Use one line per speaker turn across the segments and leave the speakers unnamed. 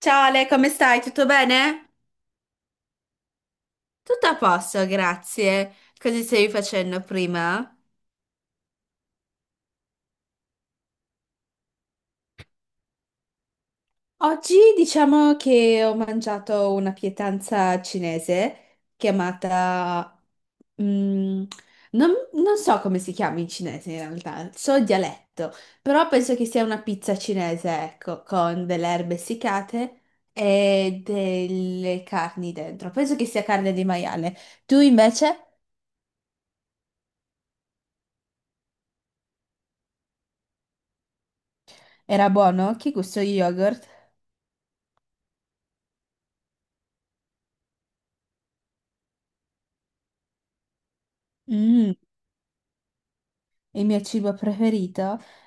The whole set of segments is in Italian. Ciao Ale, come stai? Tutto bene? Tutto a posto, grazie. Cosa stavi facendo prima? Oggi diciamo che ho mangiato una pietanza cinese chiamata... mm, non so come si chiama in cinese in realtà, so il dialetto, però penso che sia una pizza cinese, ecco, con delle erbe essiccate e delle carni dentro. Penso che sia carne di maiale. Tu invece? Era buono? Che gusto yogurt? Mm, il mio cibo preferito?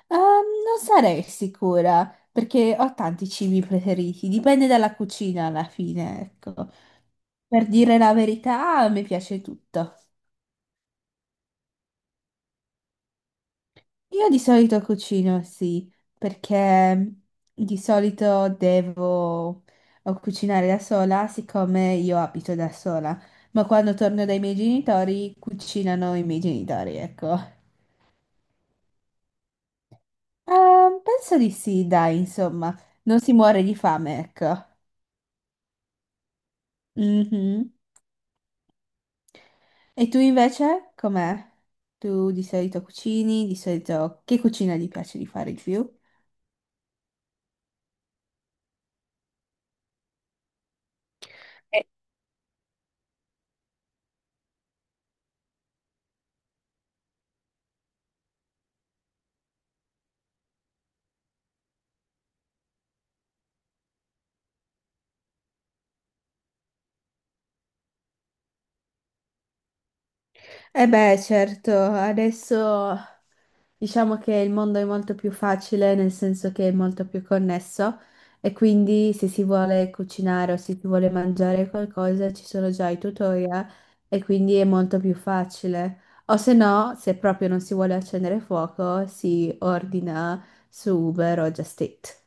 Non sarei sicura, perché ho tanti cibi preferiti, dipende dalla cucina alla fine, ecco. Per dire la verità, mi piace tutto. Io di solito cucino, sì, perché di solito devo o cucinare da sola, siccome io abito da sola, ma quando torno dai miei genitori, cucinano i miei genitori, ecco. Penso di sì, dai, insomma, non si muore di fame, ecco. Mhm. E tu invece, com'è? Tu di solito cucini, di solito che cucina ti piace di fare di più? Eh beh, certo, adesso diciamo che il mondo è molto più facile, nel senso che è molto più connesso e quindi se si vuole cucinare o se si vuole mangiare qualcosa ci sono già i tutorial e quindi è molto più facile. O se no, se proprio non si vuole accendere fuoco, si ordina su Uber o Just Eat.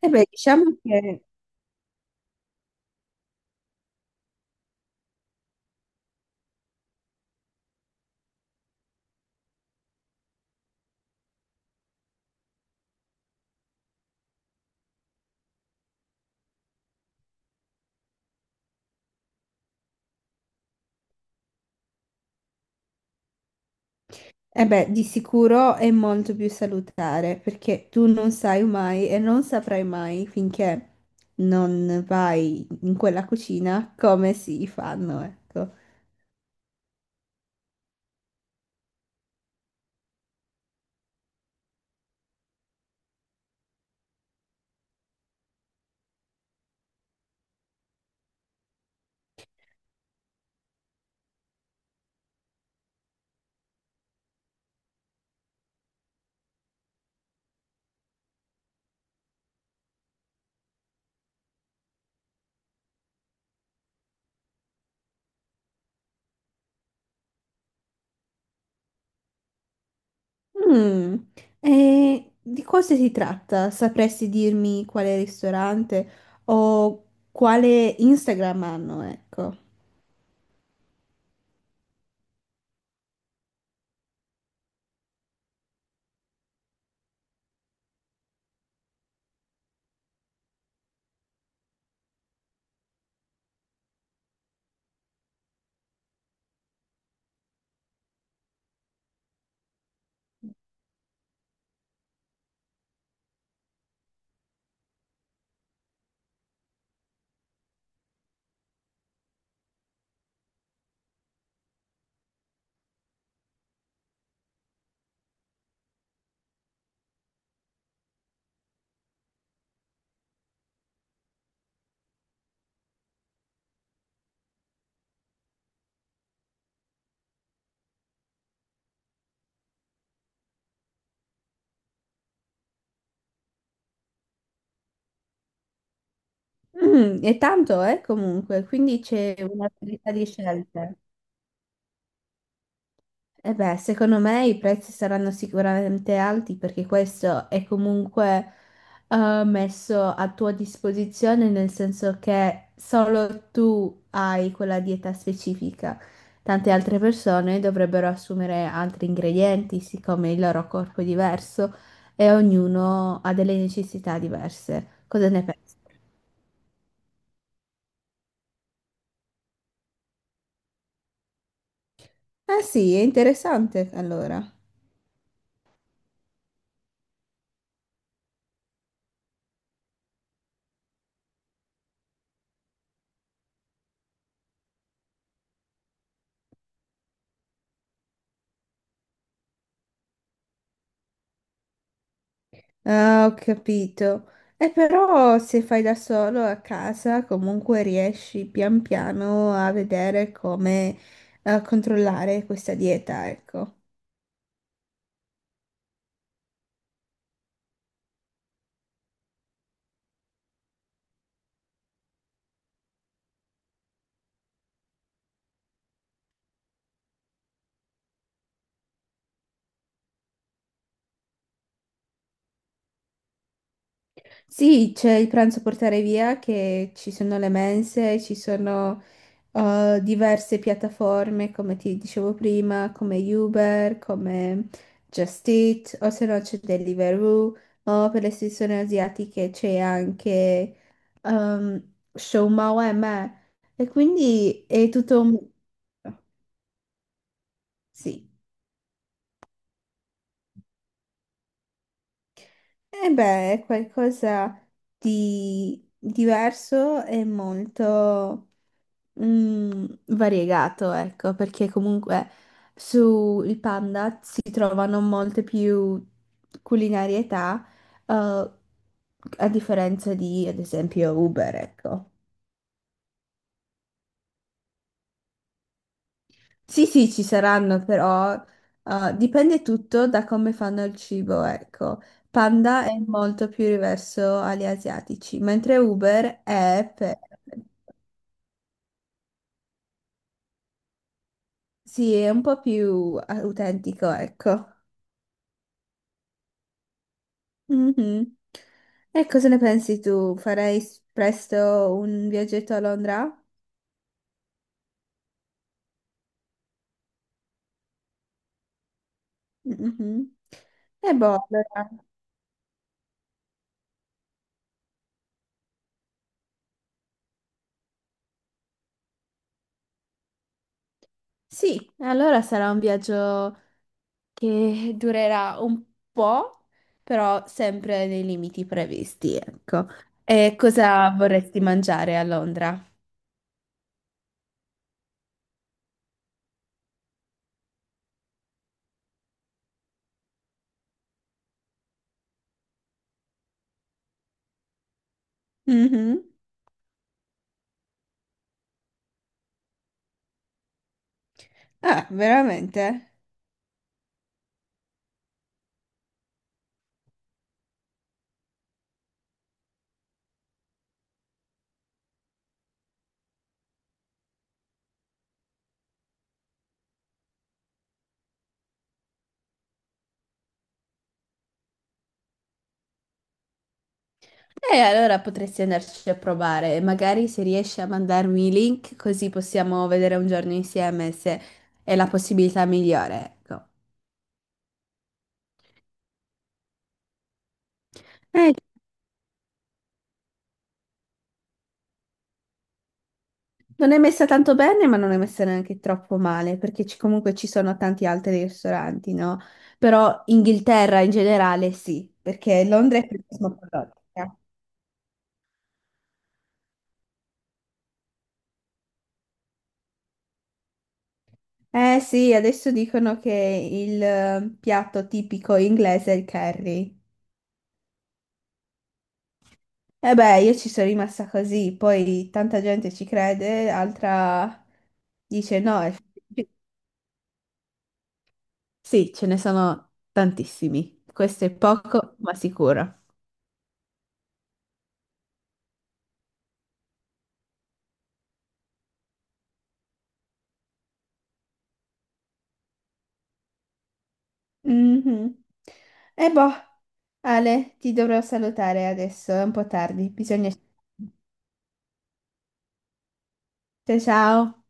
E beh, diciamo che eh beh, di sicuro è molto più salutare perché tu non sai mai e non saprai mai finché non vai in quella cucina come si fanno, ecco. Mm, e di cosa si tratta? Sapresti dirmi quale ristorante o quale Instagram hanno, ecco. Mm, è tanto, comunque, quindi c'è una varietà di scelte. E beh, secondo me i prezzi saranno sicuramente alti perché questo è comunque messo a tua disposizione, nel senso che solo tu hai quella dieta specifica. Tante altre persone dovrebbero assumere altri ingredienti, siccome il loro corpo è diverso e ognuno ha delle necessità diverse. Cosa ne pensi? Ah sì, è interessante allora. Ah, ho capito. E però se fai da solo a casa, comunque riesci pian piano a vedere come controllare questa dieta, ecco. Sì, c'è il pranzo a portare via, che ci sono le mense, ci sono diverse piattaforme, come ti dicevo prima, come Uber, come Just Eat, o se no c'è Deliveroo, o per le sezioni asiatiche c'è anche Showmao e me. E quindi è tutto un... Sì, e beh, è qualcosa di diverso e molto... Mm, variegato, ecco, perché comunque sul Panda si trovano molte più culinarietà, eh, a differenza di, ad esempio, Uber, ecco. Sì, sì, ci saranno, però, dipende tutto da come fanno il cibo, ecco. Panda è molto più riverso agli asiatici, mentre Uber è per... Sì, è un po' più autentico, ecco. Mhm. E cosa ne pensi tu? Farei presto un viaggetto a Londra? Mhm. E boh, allora... Sì, allora sarà un viaggio che durerà un po', però sempre nei limiti previsti, ecco. E cosa vorresti mangiare a Londra? Mhm. Ah, veramente? E allora potresti andarci a provare, magari se riesci a mandarmi i link così possiamo vedere un giorno insieme se è la possibilità migliore, ecco. Eh, non è messa tanto bene, ma non è messa neanche troppo male, perché comunque ci sono tanti altri ristoranti, no? Però Inghilterra in generale sì, perché Londra è più cosmopolita. Eh sì, adesso dicono che il piatto tipico inglese è il curry. E beh, io ci sono rimasta così, poi tanta gente ci crede, altra dice no. Sì, ce ne sono tantissimi. Questo è poco, ma sicuro. Mhm. E boh, Ale, ti dovrò salutare adesso, è un po' tardi, bisogna... Ciao, ciao.